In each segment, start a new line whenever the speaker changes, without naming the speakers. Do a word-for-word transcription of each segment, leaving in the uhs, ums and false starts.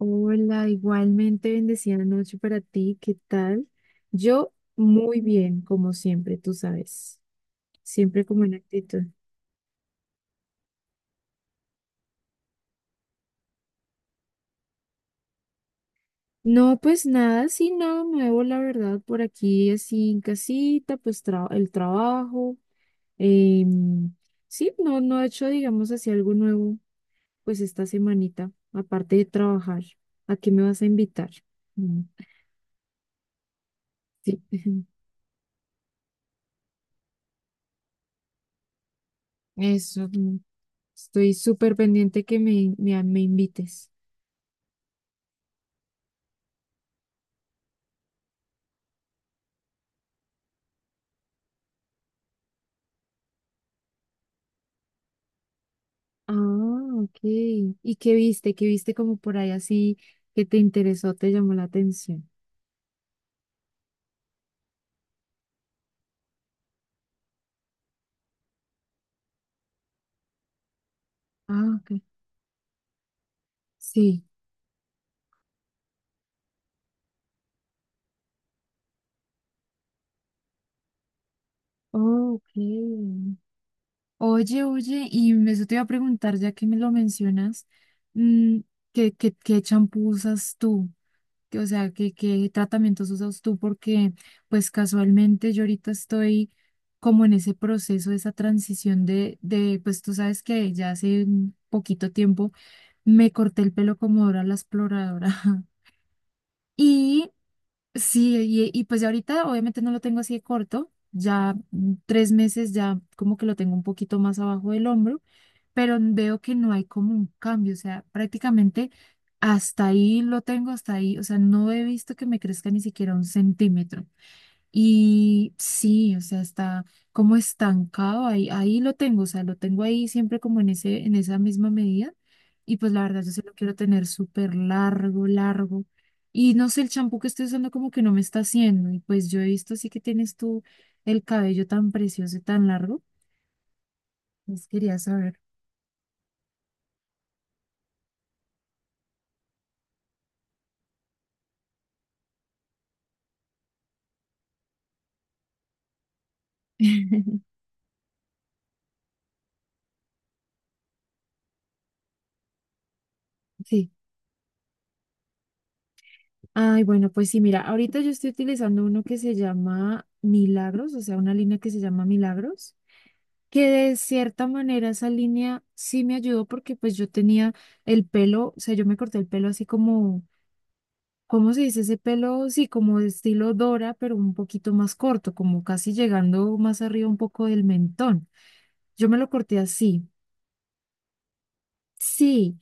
Hola, igualmente bendecida noche para ti, ¿qué tal? Yo muy bien, como siempre, tú sabes, siempre como en actitud. No, pues nada, sí, nada nuevo, la verdad, por aquí así en casita, pues tra- el trabajo. em, sí, no, no he hecho, digamos, así algo nuevo, pues esta semanita, aparte de trabajar. ¿A qué me vas a invitar? Mm, sí, eso, mm, estoy súper pendiente que me, me me invites. Ah, ok. ¿Y qué viste? ¿Qué viste como por ahí así que te interesó, te llamó la atención? Ah, ok. Sí. Ok. Oye, oye, y eso te iba a preguntar, ya que me lo mencionas, mm, ¿qué, qué, qué champú usas tú? Que, O sea, ¿qué, qué tratamientos usas tú? Porque, pues casualmente yo ahorita estoy como en ese proceso, esa transición de, de, pues tú sabes que ya hace un poquito tiempo. Me corté el pelo como Dora la exploradora. Y sí, y, y pues ya ahorita obviamente no lo tengo así de corto, ya mm, tres meses ya como que lo tengo un poquito más abajo del hombro, pero veo que no hay como un cambio, o sea, prácticamente hasta ahí lo tengo, hasta ahí, o sea, no he visto que me crezca ni siquiera un centímetro. Y sí, o sea, está como estancado ahí, ahí lo tengo, o sea, lo tengo ahí siempre como en ese, en esa misma medida. Y pues la verdad, yo se lo quiero tener súper largo, largo. Y no sé, el champú que estoy usando como que no me está haciendo. Y pues yo he visto así que tienes tú el cabello tan precioso y tan largo. Pues quería saber. Sí. Ay, bueno, pues sí, mira, ahorita yo estoy utilizando uno que se llama Milagros, o sea, una línea que se llama Milagros, que de cierta manera esa línea sí me ayudó porque pues yo tenía el pelo, o sea, yo me corté el pelo así como, ¿cómo se dice ese pelo? Sí, como de estilo Dora, pero un poquito más corto, como casi llegando más arriba un poco del mentón. Yo me lo corté así, sí,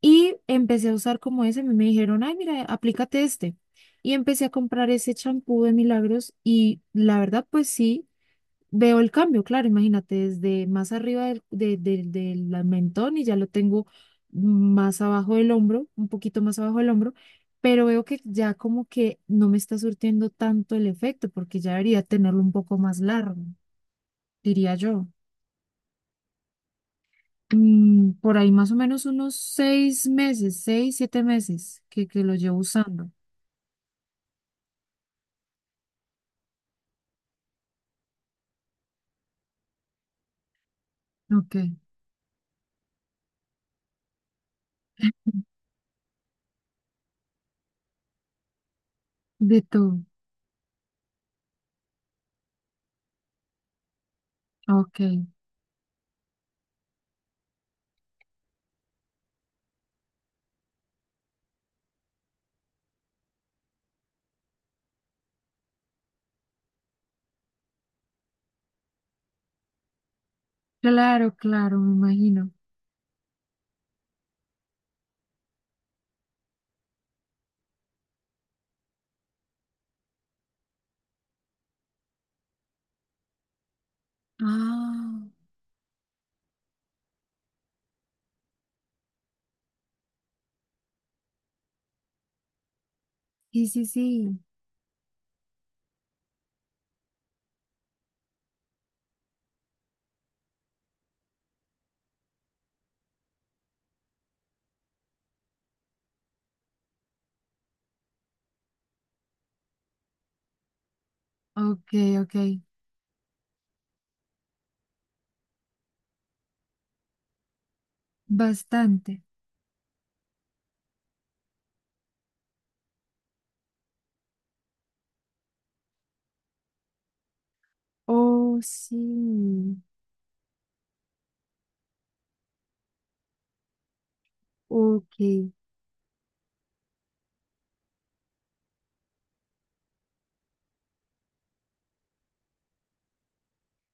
y empecé a usar como ese, a mí me dijeron, ay, mira, aplícate este. Y empecé a comprar ese champú de Milagros y la verdad, pues sí. Veo el cambio, claro, imagínate, desde más arriba del, de- de- del mentón y ya lo tengo más abajo del hombro, un poquito más abajo del hombro, pero veo que ya como que no me está surtiendo tanto el efecto porque ya debería tenerlo un poco más largo, diría yo. Mm, por ahí más o menos unos seis meses, seis, siete meses que, que lo llevo usando. Ok, de todo. Ok, claro, claro, me imagino. Ah, sí, sí, sí. Ok, ok. Bastante. Oh, sí. Ok.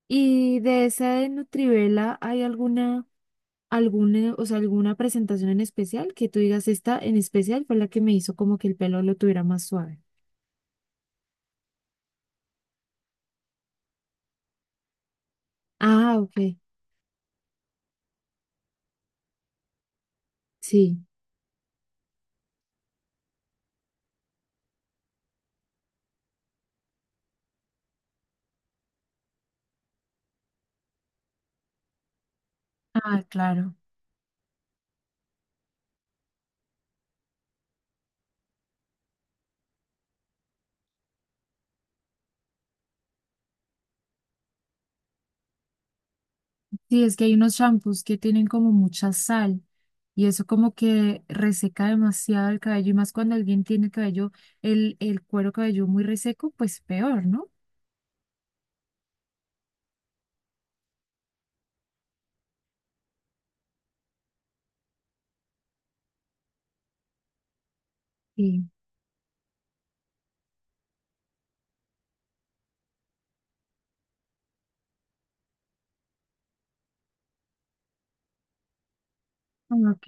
¿Y de esa de Nutrivela hay alguna, alguna, o sea, alguna presentación en especial que tú digas esta en especial fue la que me hizo como que el pelo lo tuviera más suave? Ah, ok. Sí. Ah, claro. Sí, es que hay unos shampoos que tienen como mucha sal y eso como que reseca demasiado el cabello y más cuando alguien tiene cabello, el, el cuero cabelludo muy reseco, pues peor, ¿no? Sí. Ah, ok.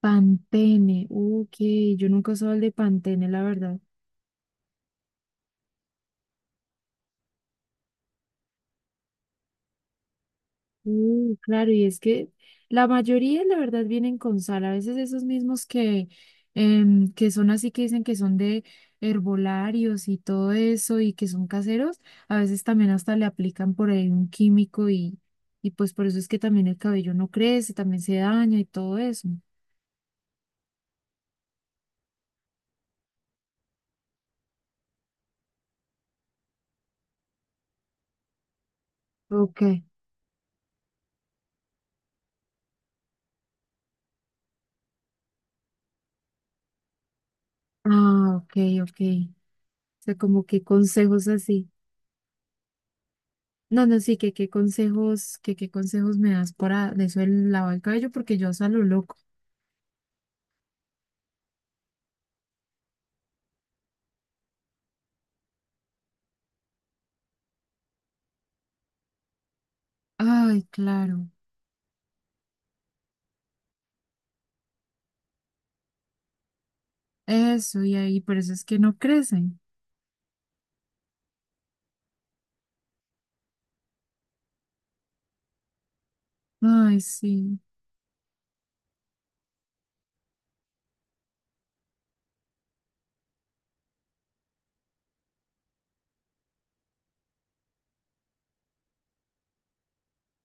Pantene, ok, yo nunca he usado el de Pantene, la verdad. Uh, claro, y es que la mayoría, la verdad, vienen con sal. A veces esos mismos que, em, que son así que dicen que son de herbolarios y todo eso y que son caseros, a veces también hasta le aplican por ahí un químico y, y pues por eso es que también el cabello no crece, también se daña y todo eso. Ok, ah, ok, ok. O sea, como que consejos así. No, no, sí, que qué consejos, que qué consejos me das para de eso el lavado del cabello, porque yo salgo loco. Ay, claro, eso y ahí, por eso es que no crecen. Ay, sí.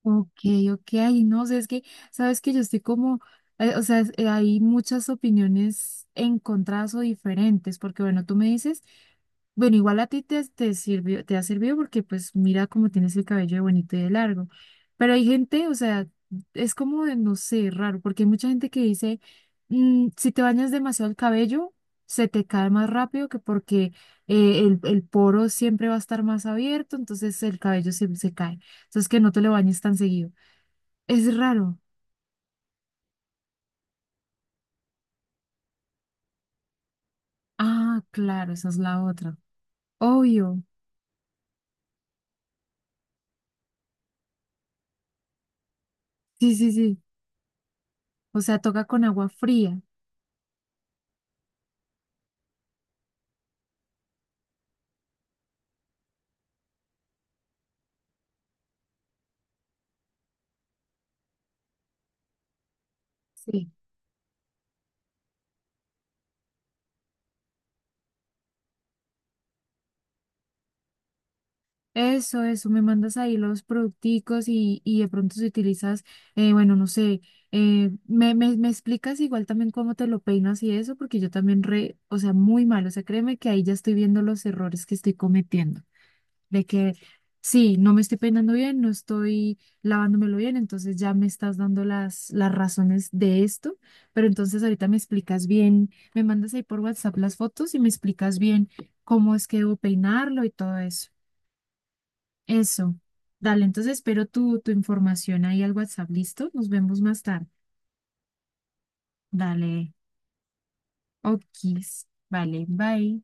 Ok, ok, ay, no, o sea, es que, sabes que yo estoy como, eh, o sea, es- eh, hay muchas opiniones encontradas o diferentes, porque bueno, tú me dices, bueno, igual a ti te, te sirvió, te ha servido porque pues mira cómo tienes el cabello de bonito y de largo, pero hay gente, o sea, es como, de, no sé, raro, porque hay mucha gente que dice, "Mm, si te bañas demasiado el cabello, se te cae más rápido que porque eh, el, el poro siempre va a estar más abierto, entonces el cabello se, se cae. Entonces, que no te lo bañes tan seguido. Es raro. Ah, claro, esa es la otra. Obvio. Sí, sí, sí. O sea, toca con agua fría. Sí. Eso, eso. Me mandas ahí los producticos y, y de pronto si utilizas, eh, bueno, no sé, eh, me, me, me explicas igual también cómo te lo peinas y eso, porque yo también re, o sea, muy mal. O sea, créeme que ahí ya estoy viendo los errores que estoy cometiendo. De que sí, no me estoy peinando bien, no estoy lavándomelo bien, entonces ya me estás dando las, las razones de esto, pero entonces ahorita me explicas bien, me mandas ahí por WhatsApp las fotos y me explicas bien cómo es que debo peinarlo y todo eso. Eso. Dale, entonces espero tu, tu información ahí al WhatsApp, ¿listo? Nos vemos más tarde. Dale, okis. Vale, bye.